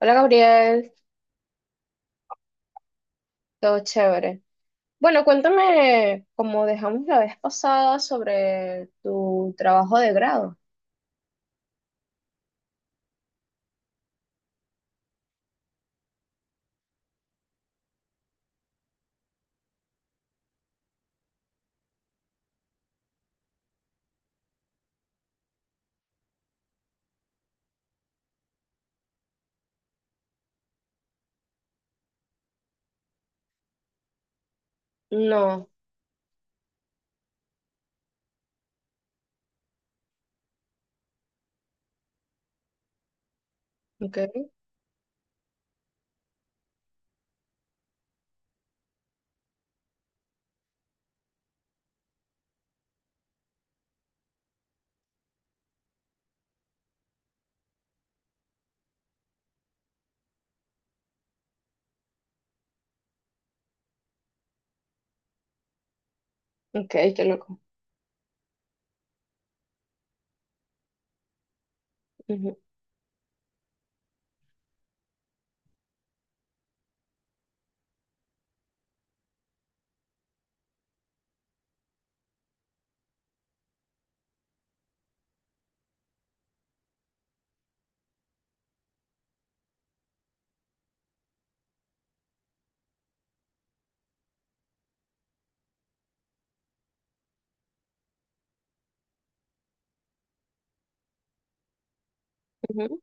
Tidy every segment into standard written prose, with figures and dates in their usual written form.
Hola Gabriel, todo chévere. Bueno, cuéntame, como dejamos la vez pasada, sobre tu trabajo de grado. No, ok, ok, qué loco. Ujú, ujú.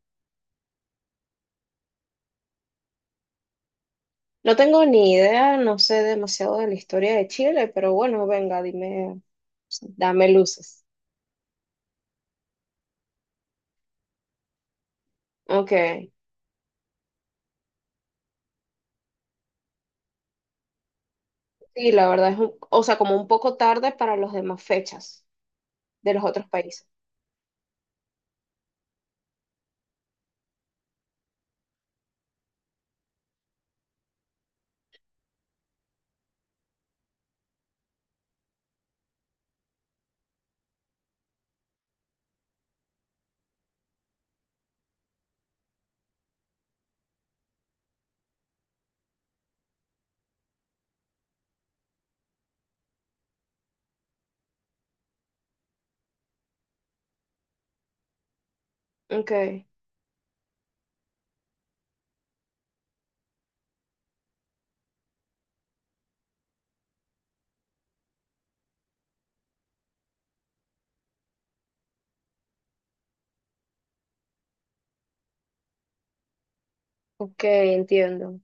No tengo ni idea, no sé demasiado de la historia de Chile, pero bueno, venga, dime, dame luces. Ok, sí, la verdad es, o sea, como un poco tarde para las demás fechas de los otros países. Ok. Ok, entiendo.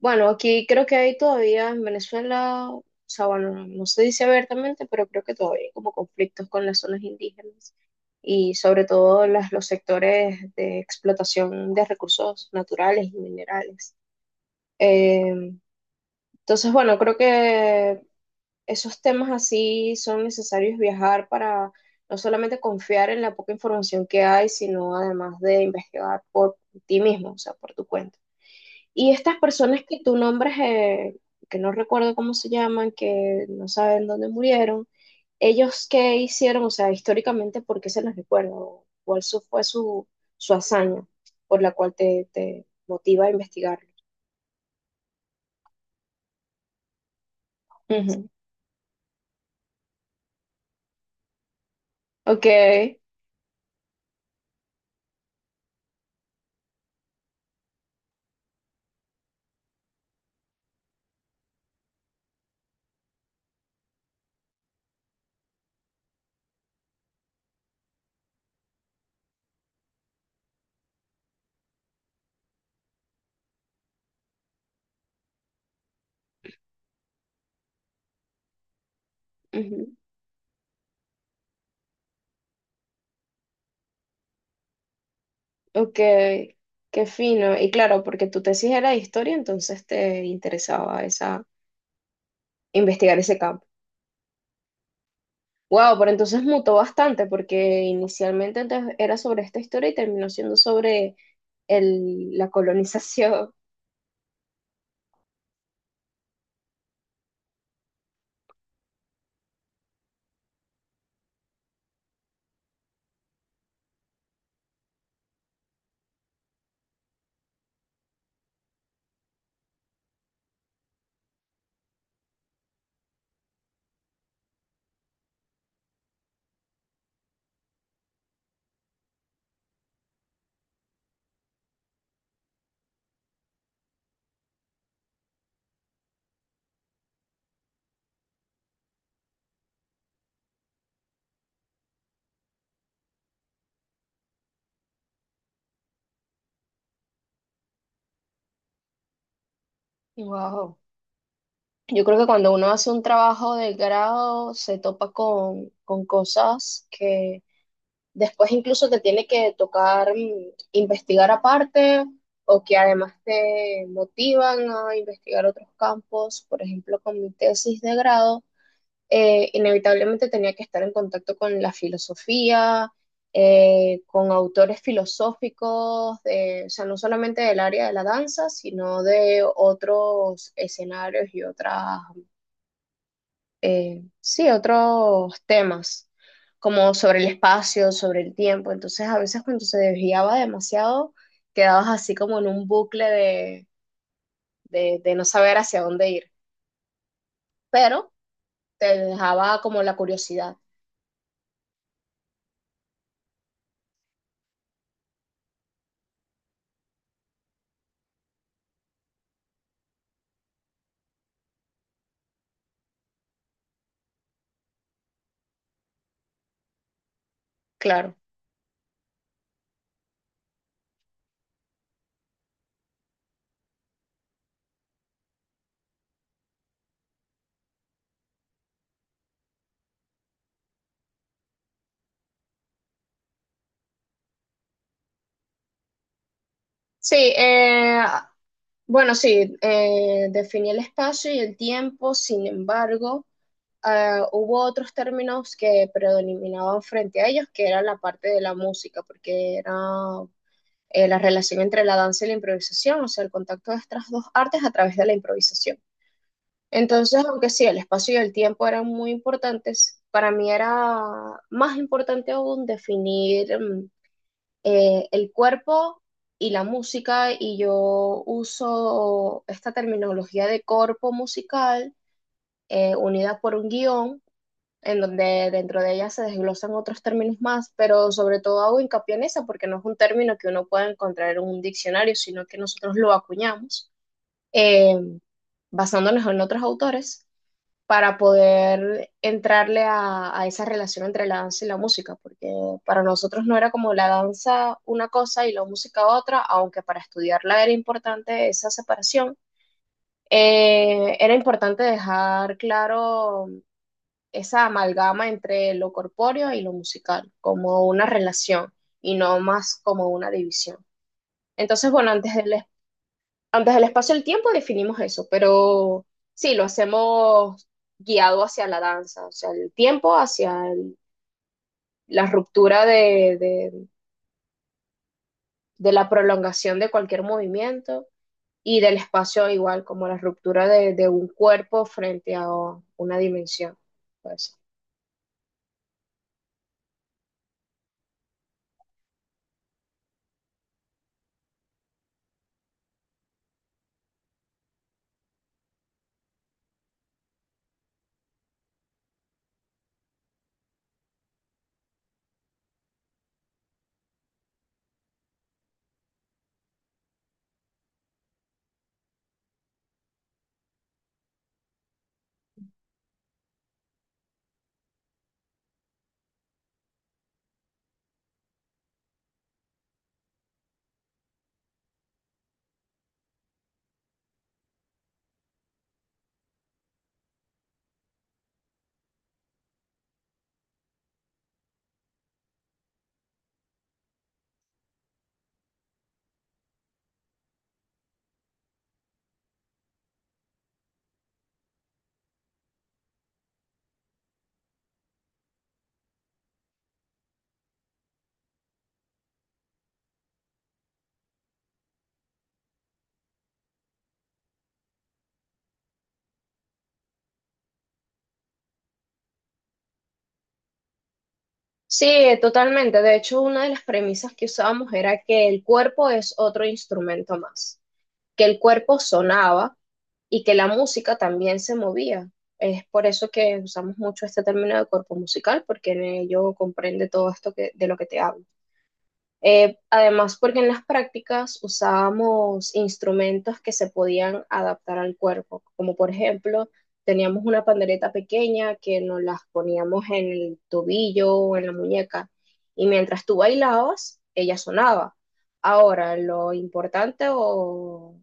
Bueno, aquí creo que hay todavía en Venezuela, o sea, bueno, no se dice abiertamente, pero creo que todavía hay como conflictos con las zonas indígenas y sobre todo los sectores de explotación de recursos naturales y minerales. Eh, entonces, bueno, creo que esos temas así son necesarios viajar para no solamente confiar en la poca información que hay, sino además de investigar por ti mismo, o sea, por tu cuenta. Y estas personas que tú nombras, que no recuerdo cómo se llaman, que no saben dónde murieron, ¿ellos qué hicieron? O sea, históricamente, ¿por qué se les recuerda? ¿O fue su, su hazaña por la cual te, te motiva a investigarlo? Ujú. Ok, ujú, ok, qué fino. Y claro, porque tu tesis era de historia, entonces te interesaba esa, investigar ese campo. Wow, pero entonces mutó bastante porque inicialmente antes era sobre esta historia y terminó siendo sobre la colonización. Wow. Yo creo que cuando uno hace un trabajo de grado se topa con cosas que después incluso te tiene que tocar investigar aparte o que además te motivan a investigar otros campos. Por ejemplo, con mi tesis de grado. Inevitablemente tenía que estar en contacto con la filosofía, con autores filosóficos, o sea, no solamente del área de la danza, sino de otros escenarios y otras, sí, otros temas, como sobre el espacio, sobre el tiempo. Entonces, a veces cuando se desviaba demasiado, quedabas así como en un bucle de no saber hacia dónde ir, pero te dejaba como la curiosidad, claro. Sí, bueno, sí, definí el espacio y el tiempo, sin embargo, hubo otros términos que predominaban frente a ellos, que era la parte de la música, porque era la relación entre la danza y la improvisación, o sea, el contacto de estas dos artes a través de la improvisación. Entonces, aunque sí, el espacio y el tiempo eran muy importantes, para mí era más importante aún definir, el cuerpo y la música, y yo uso esta terminología de corpo musical unida por un guión, en donde dentro de ella se desglosan otros términos más, pero sobre todo hago hincapié en esa porque no es un término que uno pueda encontrar en un diccionario, sino que nosotros lo acuñamos eh, basándonos en otros autores para poder entrarle esa relación entre la danza y la música, porque para nosotros no era como la danza una cosa y la música otra, aunque para estudiarla era importante esa separación, era importante dejar claro esa amalgama entre lo corpóreo y lo musical, como una relación y no más como una división. Entonces, bueno, antes del espacio y el tiempo definimos eso, pero sí, lo hacemos guiado hacia la danza, o sea, el tiempo hacia la ruptura de la prolongación de cualquier movimiento y del espacio igual, como la ruptura de un cuerpo frente a una dimensión. Pues, sí, totalmente. De hecho, una de las premisas que usábamos era que el cuerpo es otro instrumento más, que el cuerpo sonaba y que la música también se movía. Es por eso que usamos mucho este término de cuerpo musical, porque en ello comprende todo esto de lo que te hablo. Además, porque en las prácticas usábamos instrumentos que se podían adaptar al cuerpo, como por ejemplo, teníamos una pandereta pequeña que nos las poníamos en el tobillo o en la muñeca, y mientras tú bailabas, ella sonaba. Ahora, lo importante o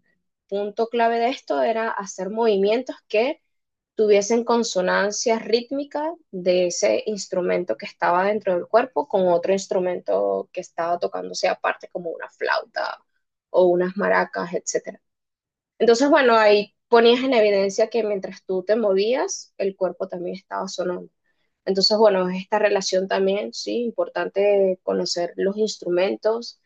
punto clave de esto era hacer movimientos que tuviesen consonancia rítmica de ese instrumento que estaba dentro del cuerpo con otro instrumento que estaba tocándose aparte, como una flauta o unas maracas, etcétera. Entonces, bueno, ahí ponías en evidencia que mientras tú te movías, el cuerpo también estaba sonando. Entonces, bueno, esta relación también, sí, importante conocer los instrumentos,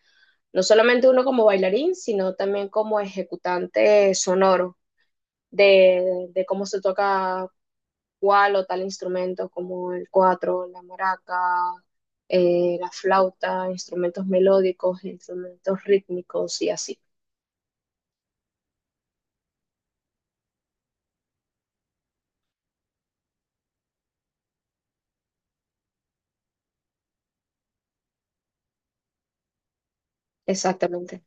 no solamente uno como bailarín, sino también como ejecutante sonoro de cómo se toca cuál o tal instrumento como el cuatro, la maraca, la flauta, instrumentos melódicos, instrumentos rítmicos y así. Exactamente.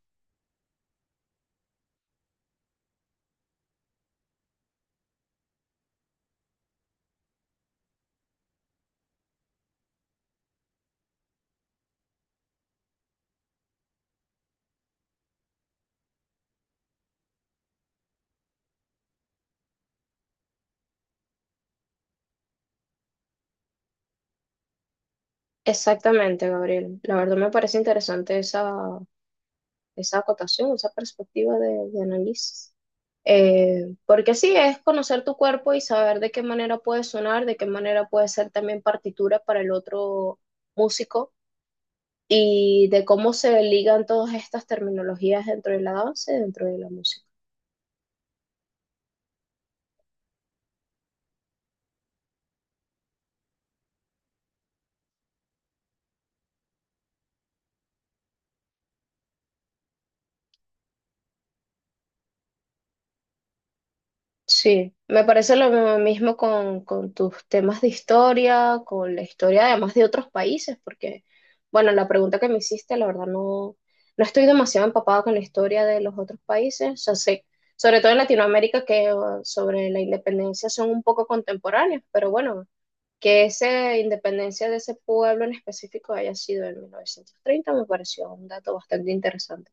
Exactamente, Gabriel. La verdad me parece interesante esa, esa acotación, esa perspectiva de análisis. Porque sí, es conocer tu cuerpo y saber de qué manera puede sonar, de qué manera puede ser también partitura para el otro músico y de cómo se ligan todas estas terminologías dentro de la danza y dentro de la música. Sí, me parece lo mismo con tus temas de historia, con la historia además de otros países, porque, bueno, la pregunta que me hiciste, la verdad no, no estoy demasiado empapada con la historia de los otros países, o sea, sé, sobre todo en Latinoamérica, que sobre la independencia son un poco contemporáneos, pero bueno, que esa independencia de ese pueblo en específico haya sido en 1930 me pareció un dato bastante interesante.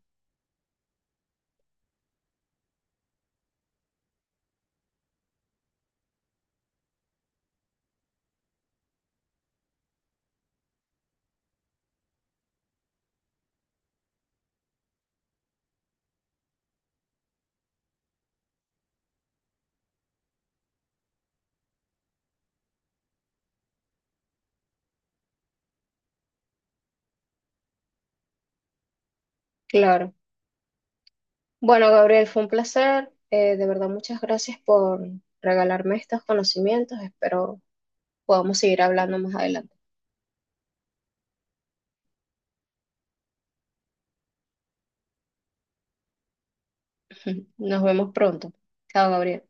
Claro. Bueno, Gabriel, fue un placer. De verdad, muchas gracias por regalarme estos conocimientos. Espero podamos seguir hablando más adelante. Nos vemos pronto. Chao, Gabriel.